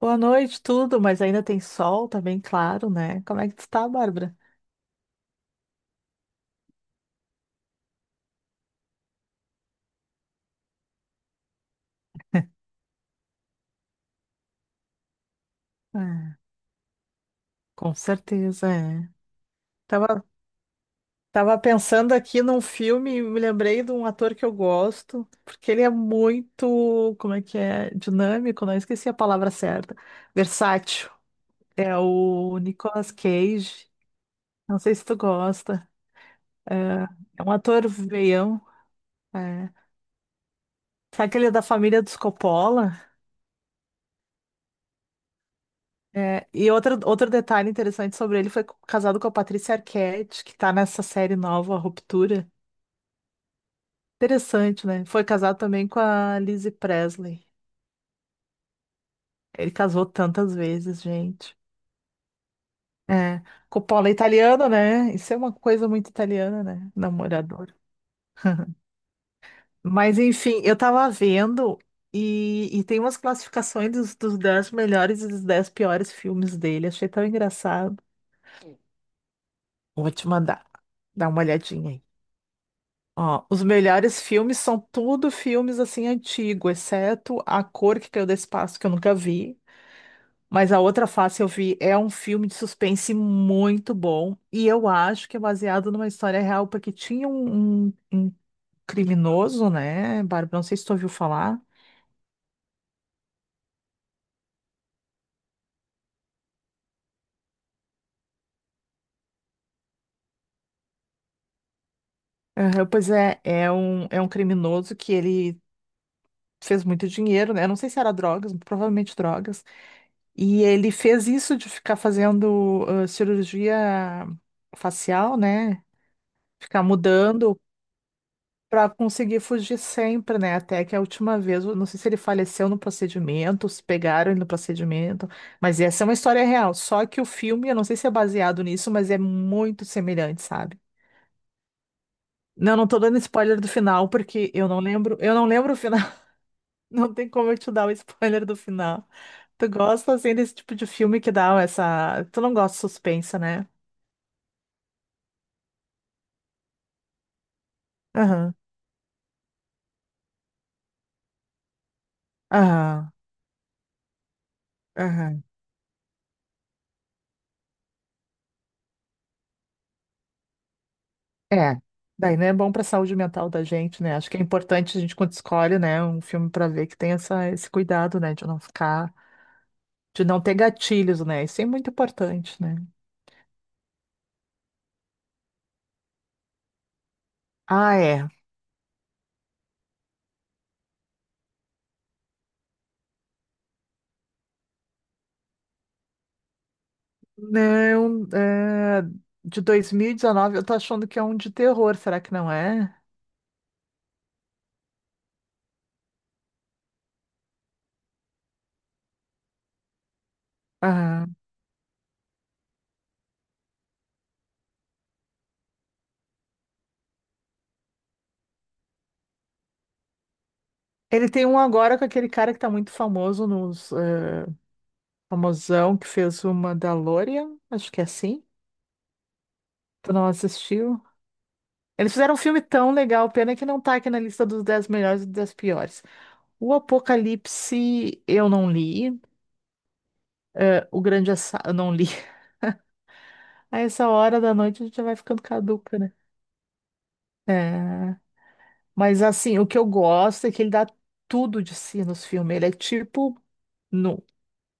Boa noite, tudo, mas ainda tem sol, tá bem claro, né? Como é que tu tá, Bárbara? É, com certeza, é. Tava, tava pensando aqui num filme e me lembrei de um ator que eu gosto, porque ele é muito, como é que é? Dinâmico, não esqueci a palavra certa. Versátil. É o Nicolas Cage. Não sei se tu gosta. É, é um ator veião. É. Sabe que ele é da família dos Coppola? É, e outro detalhe interessante sobre ele, foi casado com a Patrícia Arquette, que tá nessa série nova, A Ruptura. Interessante, né? Foi casado também com a Lizzie Presley. Ele casou tantas vezes, gente. É, com o Paula é italiano, né? Isso é uma coisa muito italiana, né? Namorador. Mas enfim, eu tava vendo e tem umas classificações dos 10 melhores e dos 10 piores filmes dele. Achei tão engraçado. Vou te mandar. Dá uma olhadinha aí. Ó, os melhores filmes são tudo filmes assim antigo, exceto A Cor que Caiu do Espaço, que eu nunca vi. Mas A Outra Face eu vi. É um filme de suspense muito bom. E eu acho que é baseado numa história real, porque tinha um criminoso, né, Bárbara? Não sei se tu ouviu falar. Aham, pois é, é um criminoso que ele fez muito dinheiro, né? Não sei se era drogas, provavelmente drogas. E ele fez isso de ficar fazendo cirurgia facial, né? Ficar mudando para conseguir fugir sempre, né? Até que a última vez, eu não sei se ele faleceu no procedimento, se pegaram ele no procedimento, mas essa é uma história real. Só que o filme, eu não sei se é baseado nisso, mas é muito semelhante, sabe? Não, não tô dando spoiler do final, porque eu não lembro o final. Não tem como eu te dar o spoiler do final. Tu gosta, assim, desse tipo de filme que dá essa... Tu não gosta de suspense, né? Aham, aham, aham. É, daí não é bom para a saúde mental da gente, né? Acho que é importante a gente quando escolhe, né, um filme para ver que tem essa, esse cuidado, né, de não ficar, de não ter gatilhos, né? Isso é muito importante, né? Ah, é. Não, é, de 2019, eu tô achando que é um de terror, será que não é? Aham. Ele tem um agora com aquele cara que tá muito famoso nos, é, famosão que fez o Mandalorian, acho que é assim. Tu não assistiu? Eles fizeram um filme tão legal, pena que não tá aqui na lista dos 10 melhores e dos 10 piores. O Apocalipse eu não li, o Grande Assa... eu não li. A essa hora da noite a gente já vai ficando caduca, né? É, mas assim, o que eu gosto é que ele dá tudo de si nos filmes. Ele é tipo, no...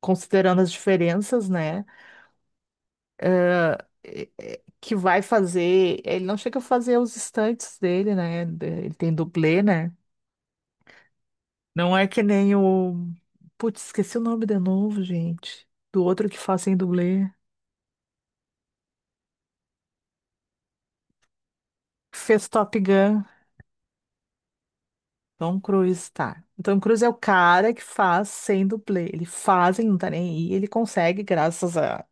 considerando as diferenças, né? Que vai fazer. Ele não chega a fazer os estantes dele, né? Ele tem dublê, né? Não é que nem o. Putz, esqueci o nome de novo, gente. Do outro que faz em dublê. Que fez Top Gun. Tom Cruise, tá. O Tom Cruise é o cara que faz sem dublê. Ele faz e não tá nem aí. Ele consegue, graças a,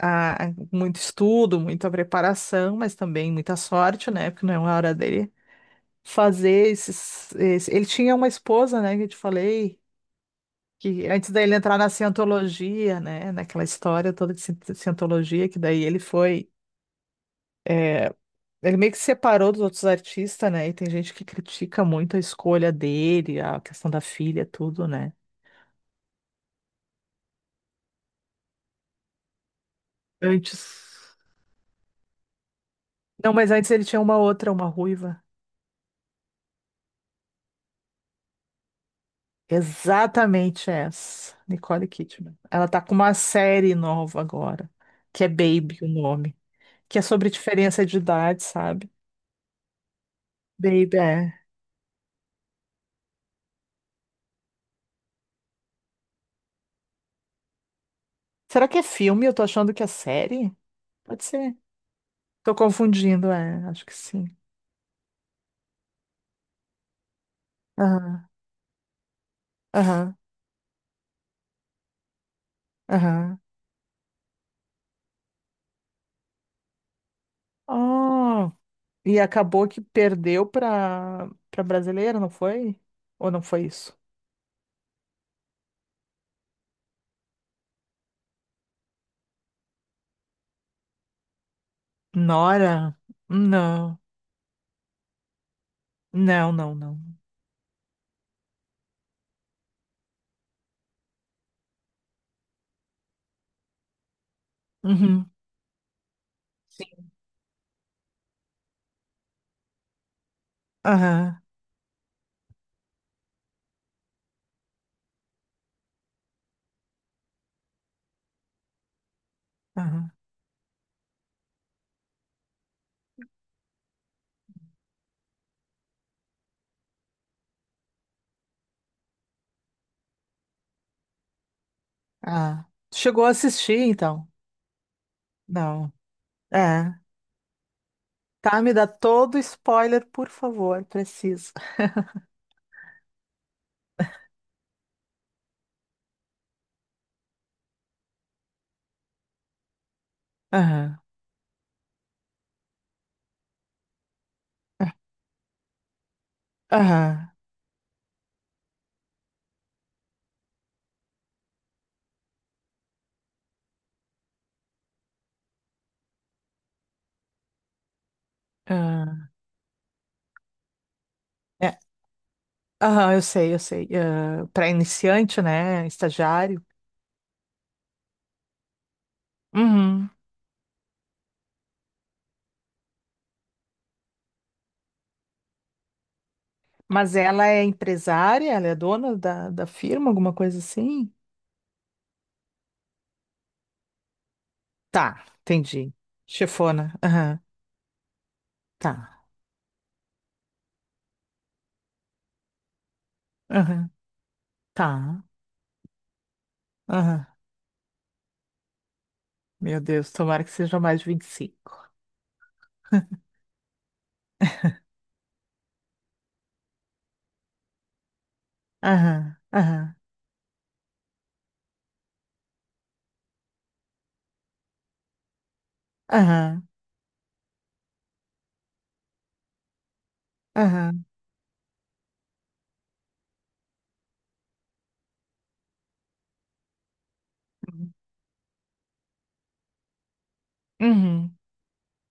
a a muito estudo, muita preparação, mas também muita sorte, né? Porque não é uma hora dele fazer Ele tinha uma esposa, né? Que eu te falei. Que antes dele entrar na cientologia, né? Naquela história toda de cientologia, que daí ele foi. É, ele meio que separou dos outros artistas, né? E tem gente que critica muito a escolha dele, a questão da filha, tudo, né? Antes. Não, mas antes ele tinha uma outra, uma ruiva. Exatamente essa, Nicole Kidman. Ela tá com uma série nova agora, que é Baby, o nome, que é sobre diferença de idade, sabe? Baby, é. Será que é filme? Eu tô achando que é série? Pode ser. Tô confundindo, é, acho que sim. Aham, aham, aham. E acabou que perdeu pra, pra brasileira, não foi? Ou não foi isso? Nora? Não. Não, não, não. Uhum. Aham, aham. Ah. Tu chegou a assistir, então? Não. É. Tá, me dá todo spoiler, por favor. Preciso. Aham, aham, aham. É, aham, eu sei, eu sei. Ah, pra iniciante, né? Estagiário. Uhum. Mas ela é empresária? Ela é dona da, da firma, alguma coisa assim? Tá, entendi. Chefona. Aham, tá. Aham, tá. Aham. Meu Deus, tomara que seja mais de 25. Aham, aham, aham, aham. Uhum.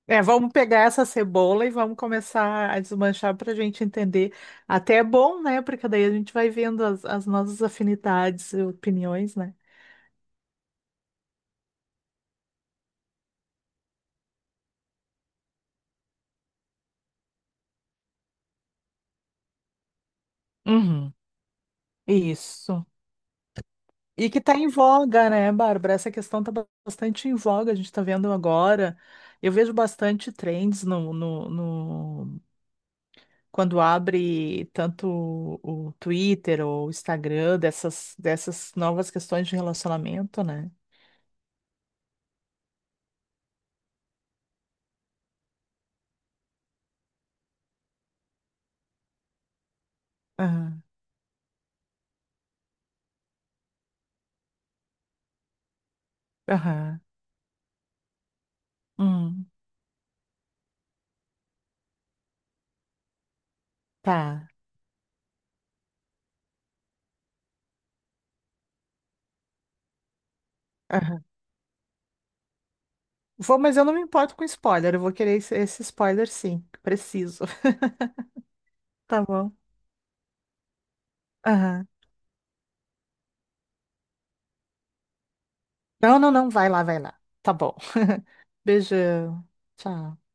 É, vamos pegar essa cebola e vamos começar a desmanchar para a gente entender. Até é bom, né? Porque daí a gente vai vendo as, as nossas afinidades e opiniões, né? Uhum. Isso. E que está em voga, né, Bárbara? Essa questão está bastante em voga, a gente está vendo agora. Eu vejo bastante trends quando abre tanto o Twitter ou o Instagram dessas, dessas novas questões de relacionamento, né? Aham, aham, hum, tá. Aham. Vou, mas eu não me importo com spoiler, eu vou querer esse spoiler sim, preciso. Tá bom. Aham. Não, não, não, vai lá, vai lá. Tá bom. Beijão. Tchau.